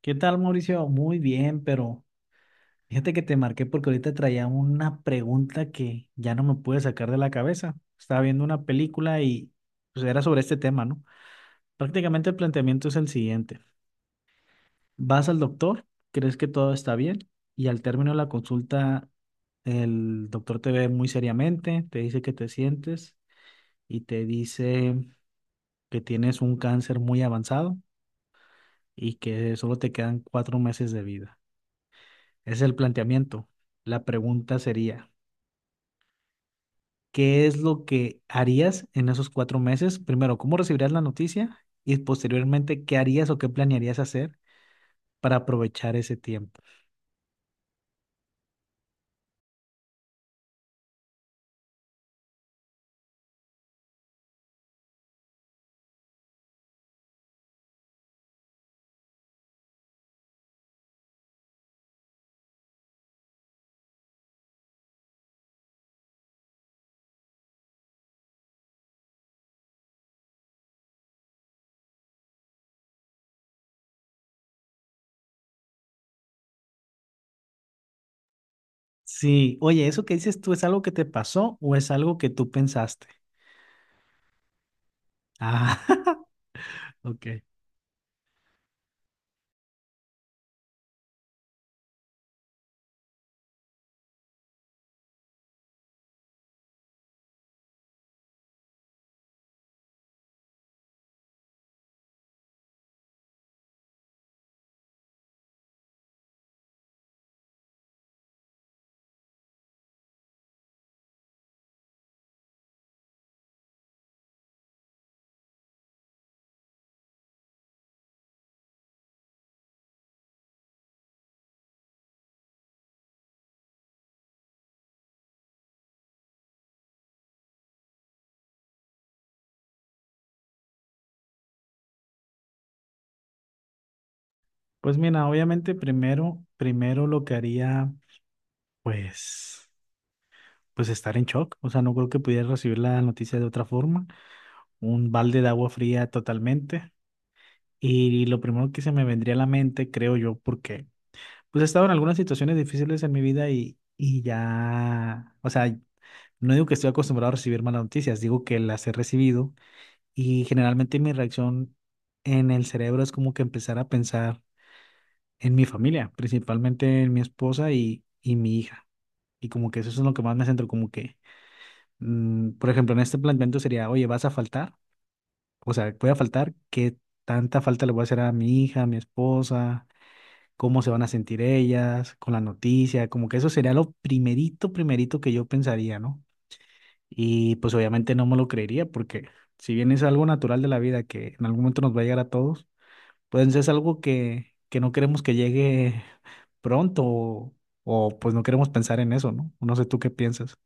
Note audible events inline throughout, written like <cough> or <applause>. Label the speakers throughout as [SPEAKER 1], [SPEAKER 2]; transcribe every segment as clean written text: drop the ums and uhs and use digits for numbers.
[SPEAKER 1] ¿Qué tal, Mauricio? Muy bien, pero fíjate que te marqué porque ahorita traía una pregunta que ya no me pude sacar de la cabeza. Estaba viendo una película y pues era sobre este tema, ¿no? Prácticamente el planteamiento es el siguiente. Vas al doctor, crees que todo está bien y al término de la consulta el doctor te ve muy seriamente, te dice que te sientes y te dice que tienes un cáncer muy avanzado y que solo te quedan cuatro meses de vida. Es el planteamiento. La pregunta sería, ¿qué es lo que harías en esos cuatro meses? Primero, ¿cómo recibirías la noticia? Y posteriormente, ¿qué harías o qué planearías hacer para aprovechar ese tiempo? Sí, oye, ¿eso que dices tú es algo que te pasó o es algo que tú pensaste? Ah, <laughs> ok. Pues mira, obviamente primero lo que haría, pues, pues estar en shock. O sea, no creo que pudiera recibir la noticia de otra forma. Un balde de agua fría totalmente. Y lo primero que se me vendría a la mente, creo yo, porque pues he estado en algunas situaciones difíciles en mi vida y ya, o sea, no digo que estoy acostumbrado a recibir malas noticias, digo que las he recibido y generalmente mi reacción en el cerebro es como que empezar a pensar en mi familia, principalmente en mi esposa y mi hija. Y como que eso es lo que más me centro, como que, por ejemplo, en este planteamiento sería, oye, ¿vas a faltar? O sea, ¿voy a faltar? ¿Qué tanta falta le voy a hacer a mi hija, a mi esposa? ¿Cómo se van a sentir ellas con la noticia? Como que eso sería lo primerito que yo pensaría, ¿no? Y pues obviamente no me lo creería porque si bien es algo natural de la vida que en algún momento nos va a llegar a todos, pues es algo que no queremos que llegue pronto pues no queremos pensar en eso, ¿no? No sé tú qué piensas.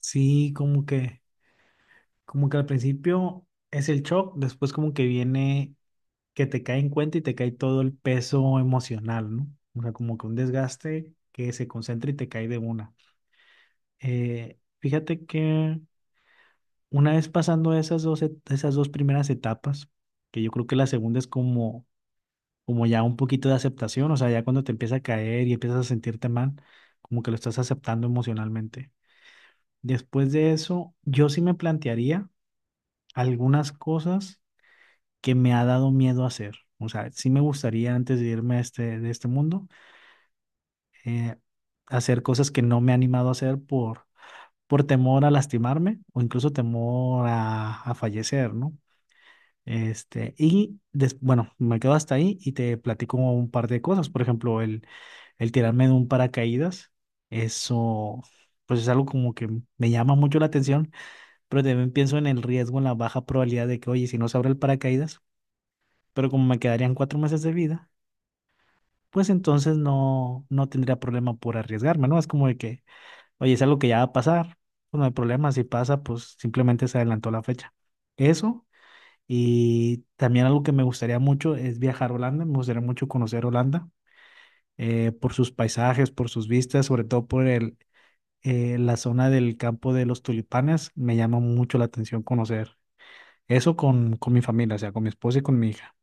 [SPEAKER 1] Sí, como que al principio es el shock, después como que viene que te cae en cuenta y te cae todo el peso emocional, ¿no? O sea, como que un desgaste que se concentra y te cae de una. Fíjate que una vez pasando esas dos, esas dos primeras etapas, que yo creo que la segunda es como, como ya un poquito de aceptación, o sea, ya cuando te empieza a caer y empiezas a sentirte mal, como que lo estás aceptando emocionalmente. Después de eso, yo sí me plantearía algunas cosas que me ha dado miedo hacer. O sea, sí me gustaría antes de irme a este, de este mundo, eh, hacer cosas que no me he animado a hacer por temor a lastimarme o incluso temor a fallecer, ¿no? Este, y bueno, me quedo hasta ahí y te platico un par de cosas. Por ejemplo, el tirarme de un paracaídas, eso pues es algo como que me llama mucho la atención, pero también pienso en el riesgo, en la baja probabilidad de que, oye, si no se abre el paracaídas, pero como me quedarían cuatro meses de vida, pues entonces no, no tendría problema por arriesgarme, ¿no? Es como de que oye, es algo que ya va a pasar, pues no hay problema, si pasa, pues simplemente se adelantó la fecha. Eso, y también algo que me gustaría mucho es viajar a Holanda, me gustaría mucho conocer Holanda, por sus paisajes, por sus vistas, sobre todo por la zona del campo de los tulipanes, me llama mucho la atención conocer eso con mi familia, o sea, con mi esposa y con mi hija.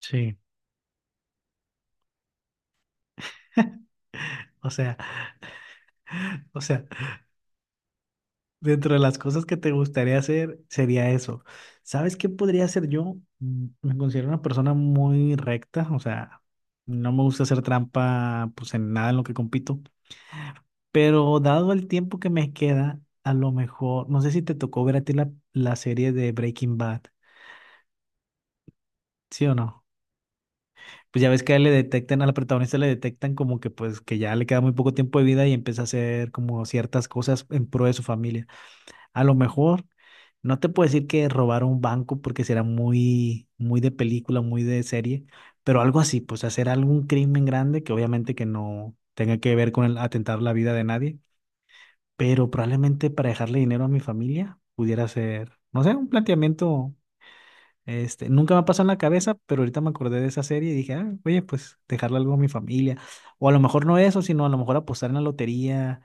[SPEAKER 1] Sí, o sea, o sea, dentro de las cosas que te gustaría hacer sería eso. ¿Sabes qué podría hacer yo? Mm, me considero una persona muy recta, o sea, no me gusta hacer trampa pues en nada en lo que compito, pero dado el tiempo que me queda, a lo mejor, no sé si te tocó ver a ti la serie de Breaking Bad, ¿sí o no? Pues ya ves que a él le detectan, a la protagonista le detectan como que pues que ya le queda muy poco tiempo de vida y empieza a hacer como ciertas cosas en pro de su familia. A lo mejor, no te puedo decir que robar un banco porque será muy de película, muy de serie, pero algo así, pues hacer algún crimen grande que obviamente que no tenga que ver con el atentar la vida de nadie, pero probablemente para dejarle dinero a mi familia pudiera ser, no sé, un planteamiento, este, nunca me ha pasado en la cabeza, pero ahorita me acordé de esa serie y dije, ah, oye, pues dejarle algo a mi familia, o a lo mejor no eso, sino a lo mejor apostar en la lotería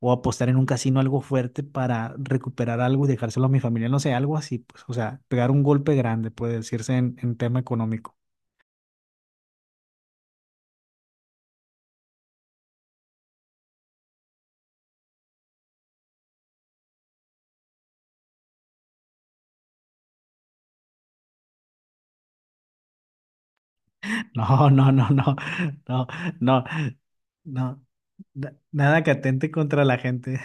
[SPEAKER 1] o apostar en un casino algo fuerte para recuperar algo y dejárselo a mi familia, no sé, algo así, pues, o sea, pegar un golpe grande, puede decirse en tema económico. <laughs> No, no, no, no, no, no, no, nada que atente contra la gente.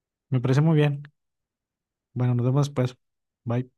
[SPEAKER 1] <laughs> Me parece muy bien. Bueno, nos vemos después. Bye.